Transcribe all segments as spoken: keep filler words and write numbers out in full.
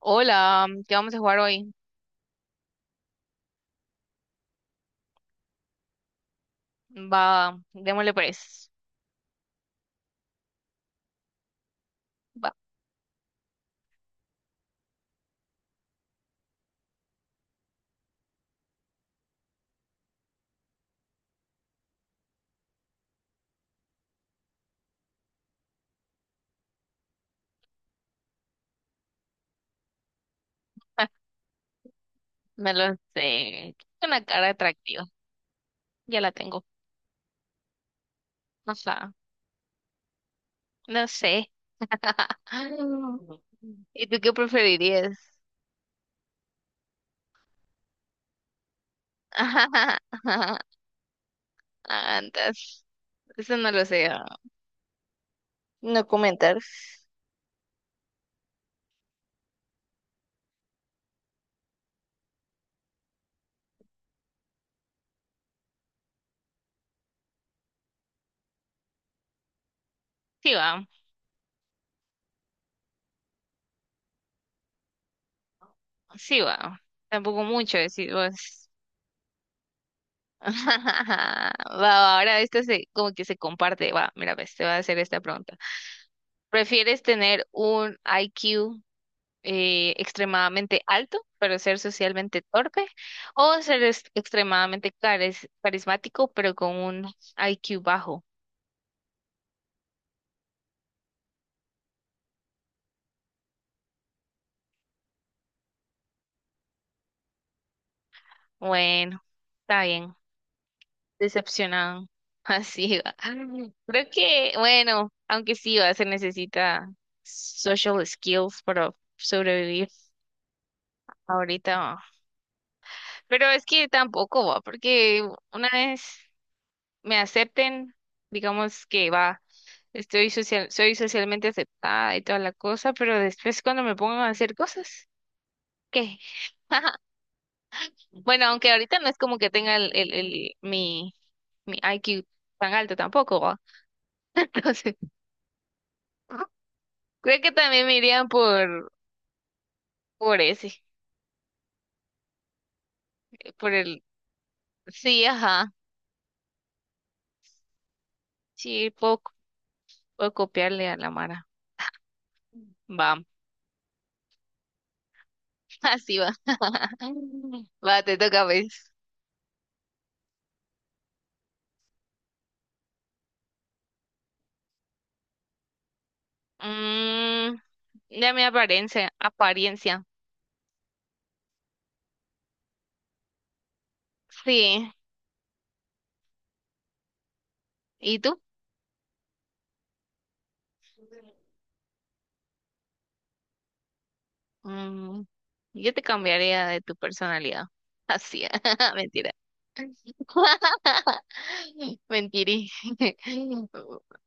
Hola, ¿qué vamos a jugar hoy? Va, démosle pues. Va, me lo sé. Una cara atractiva. Ya la tengo. No sé. No sé. Ah, ¿y tú qué preferirías? Antes. Eso no lo sé. ah. No comentar. Sí va, sí va. Tampoco mucho decir vos. Va, va, ahora esto se, como que se comparte. Va, mira, pues te voy a hacer esta pregunta. ¿Prefieres tener un I Q, eh, extremadamente alto, pero ser socialmente torpe, o ser es- extremadamente caris- carismático, pero con un I Q bajo? Bueno, está bien, decepcionado. Así va. Creo que, bueno, aunque sí va, se necesita social skills para sobrevivir ahorita. Va. Pero es que tampoco va, porque una vez me acepten, digamos que va. Estoy social, soy socialmente aceptada y toda la cosa, pero después cuando me pongan a hacer cosas, ¿qué? Bueno, aunque ahorita no es como que tenga el, el, el- mi, mi I Q tan alto tampoco, ¿va? Entonces, creo que también me irían por, por ese, por el, sí, ajá, sí, puedo, c- puedo copiarle a la Mara. Va, así va. Va, te toca, pues. Mm, ya mi apariencia, apariencia, sí. ¿Y tú? Mm, yo te cambiaría de tu personalidad. Así, mentira. Mentirí.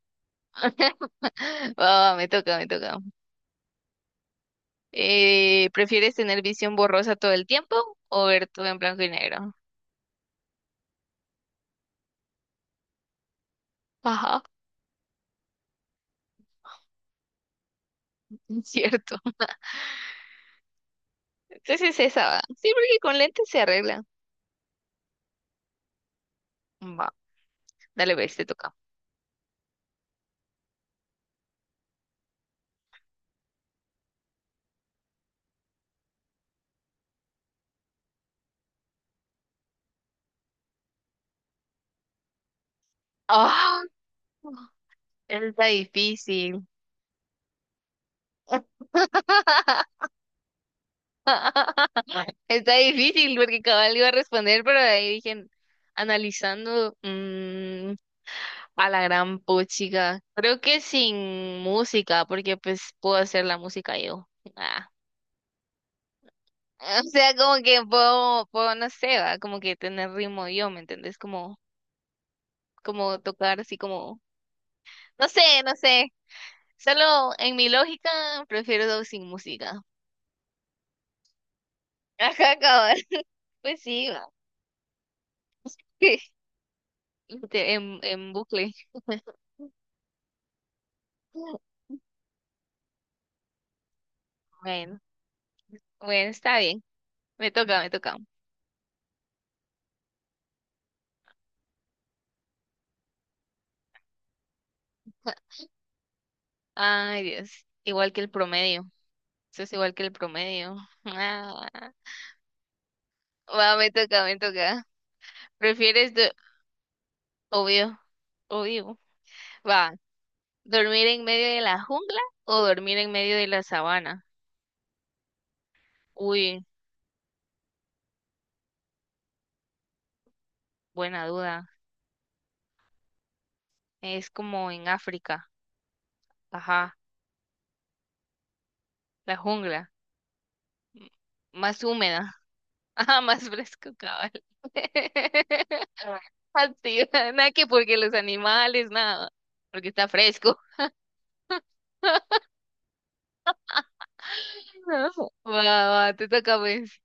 Ah, me toca, me toca. Eh, ¿prefieres tener visión borrosa todo el tiempo o ver todo en blanco y negro? Ajá, cierto. Entonces esa va. Sí, porque con lentes se arregla. Va, dale, ves, te toca. Ah, está difícil. Está difícil porque cabal iba a responder, pero de ahí dije, analizando mm, a la gran puchica. Creo que sin música, porque pues puedo hacer la música yo. Ah. O sea, como que puedo, puedo, no sé, va, como que tener ritmo yo, ¿me entendés? Como, como tocar así como, no sé, no sé. Solo en mi lógica prefiero sin música. Ajá, cabal. Pues sí, va. Te- En, en bucle. Bueno, bueno, está bien. Me toca, me toca. Ay, Dios. Igual que el promedio. Eso es igual que el promedio. Ah. Va, me toca, me toca. ¿Prefieres, do- obvio, obvio. Va, ¿dormir en medio de la jungla o dormir en medio de la sabana? Uy, buena duda. Es como en África. Ajá, la jungla. M- Más húmeda. Ajá, más fresco, cabal. Ah, sí, nada que porque los animales, nada. Porque está fresco. No, va, va, te toca pues.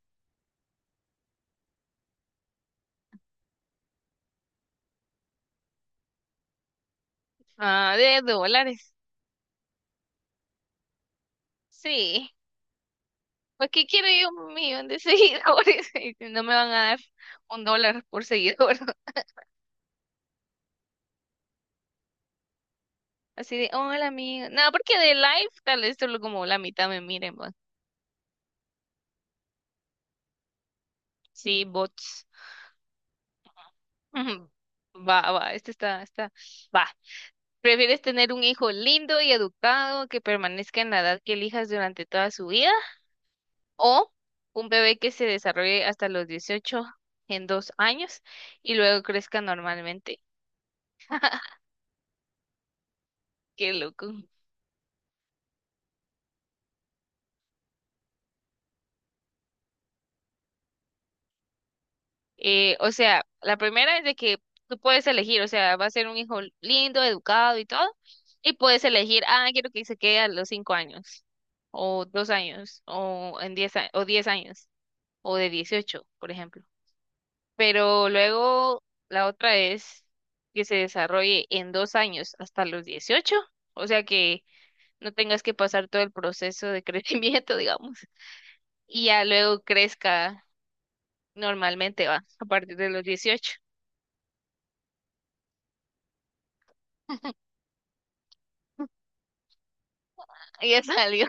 Ah, de dólares. Sí. Pues ¿qué quiero yo un millón de seguidores? Y no me van a dar un dólar por seguidor. Así de, hola amigo. No, porque de live tal vez solo como la mitad me miren, va. Sí, bots. Ujú. Va, va, este está, está. Va. ¿Prefieres tener un hijo lindo y educado que permanezca en la edad que elijas durante toda su vida, o un bebé que se desarrolle hasta los dieciocho en dos años y luego crezca normalmente? Qué loco. Eh, o sea, la primera es de que tú puedes elegir, o sea, va a ser un hijo lindo, educado y todo, y puedes elegir, ah, quiero que se quede a los cinco años, o dos años, o en diez, a- o diez años, o de dieciocho por ejemplo. Pero luego la otra es que se desarrolle en dos años hasta los dieciocho, o sea que no tengas que pasar todo el proceso de crecimiento, digamos, y ya luego crezca normalmente, va, a partir de los dieciocho. Ya salió,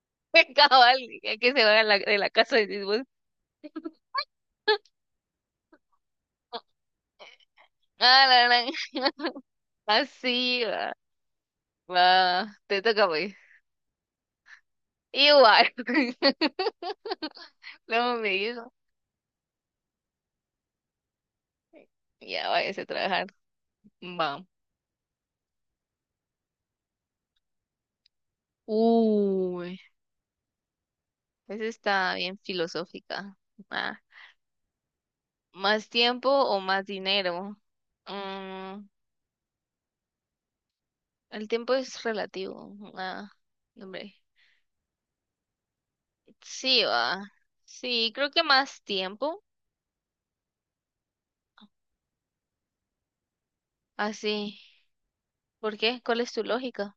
el cabal, ya que se va de la, de la casa de sus Ah, la gran. Así va. Va, te toca pues. Igual. Luego me dijo, ya váyase a trabajar. Va. Uy, esa está bien filosófica. Ah, ¿más tiempo o más dinero? Mm, el tiempo es relativo. Ah, hombre. Sí, va. Sí, creo que más tiempo. Así. ¿Por qué? ¿Cuál es tu lógica?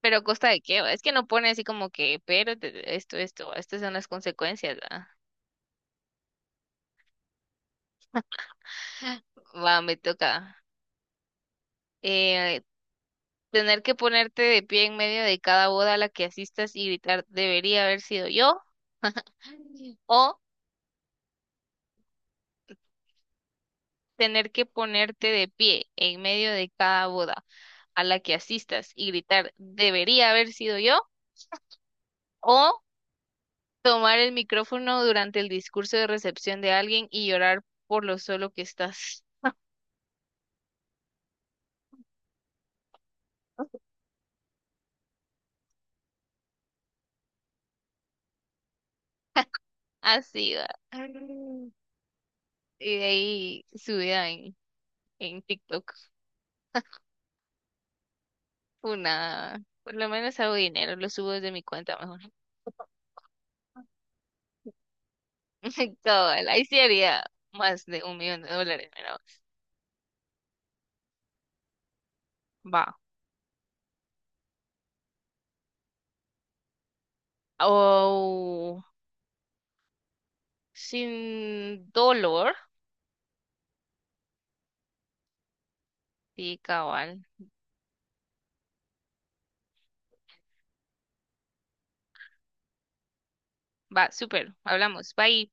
¿Pero a costa de qué, va? Es que no pone así como que, pero te- esto, esto, va, estas son las consecuencias. Va, Va, me toca. Eh, tener que ponerte de pie en medio de cada boda a la que asistas y gritar, debería haber sido yo. O tener que ponerte de pie en medio de cada boda a la que asistas y gritar, debería haber sido yo, o tomar el micrófono durante el discurso de recepción de alguien y llorar por lo solo que estás. Así va. Y de ahí subida en, en, TikTok una, por lo menos hago dinero, lo subo desde mi cuenta mejor. Cabal, ahí sí haría más de un millón de dólares, pero va. O sin dolor. Sí, cabal. Va, súper. Hablamos. Bye.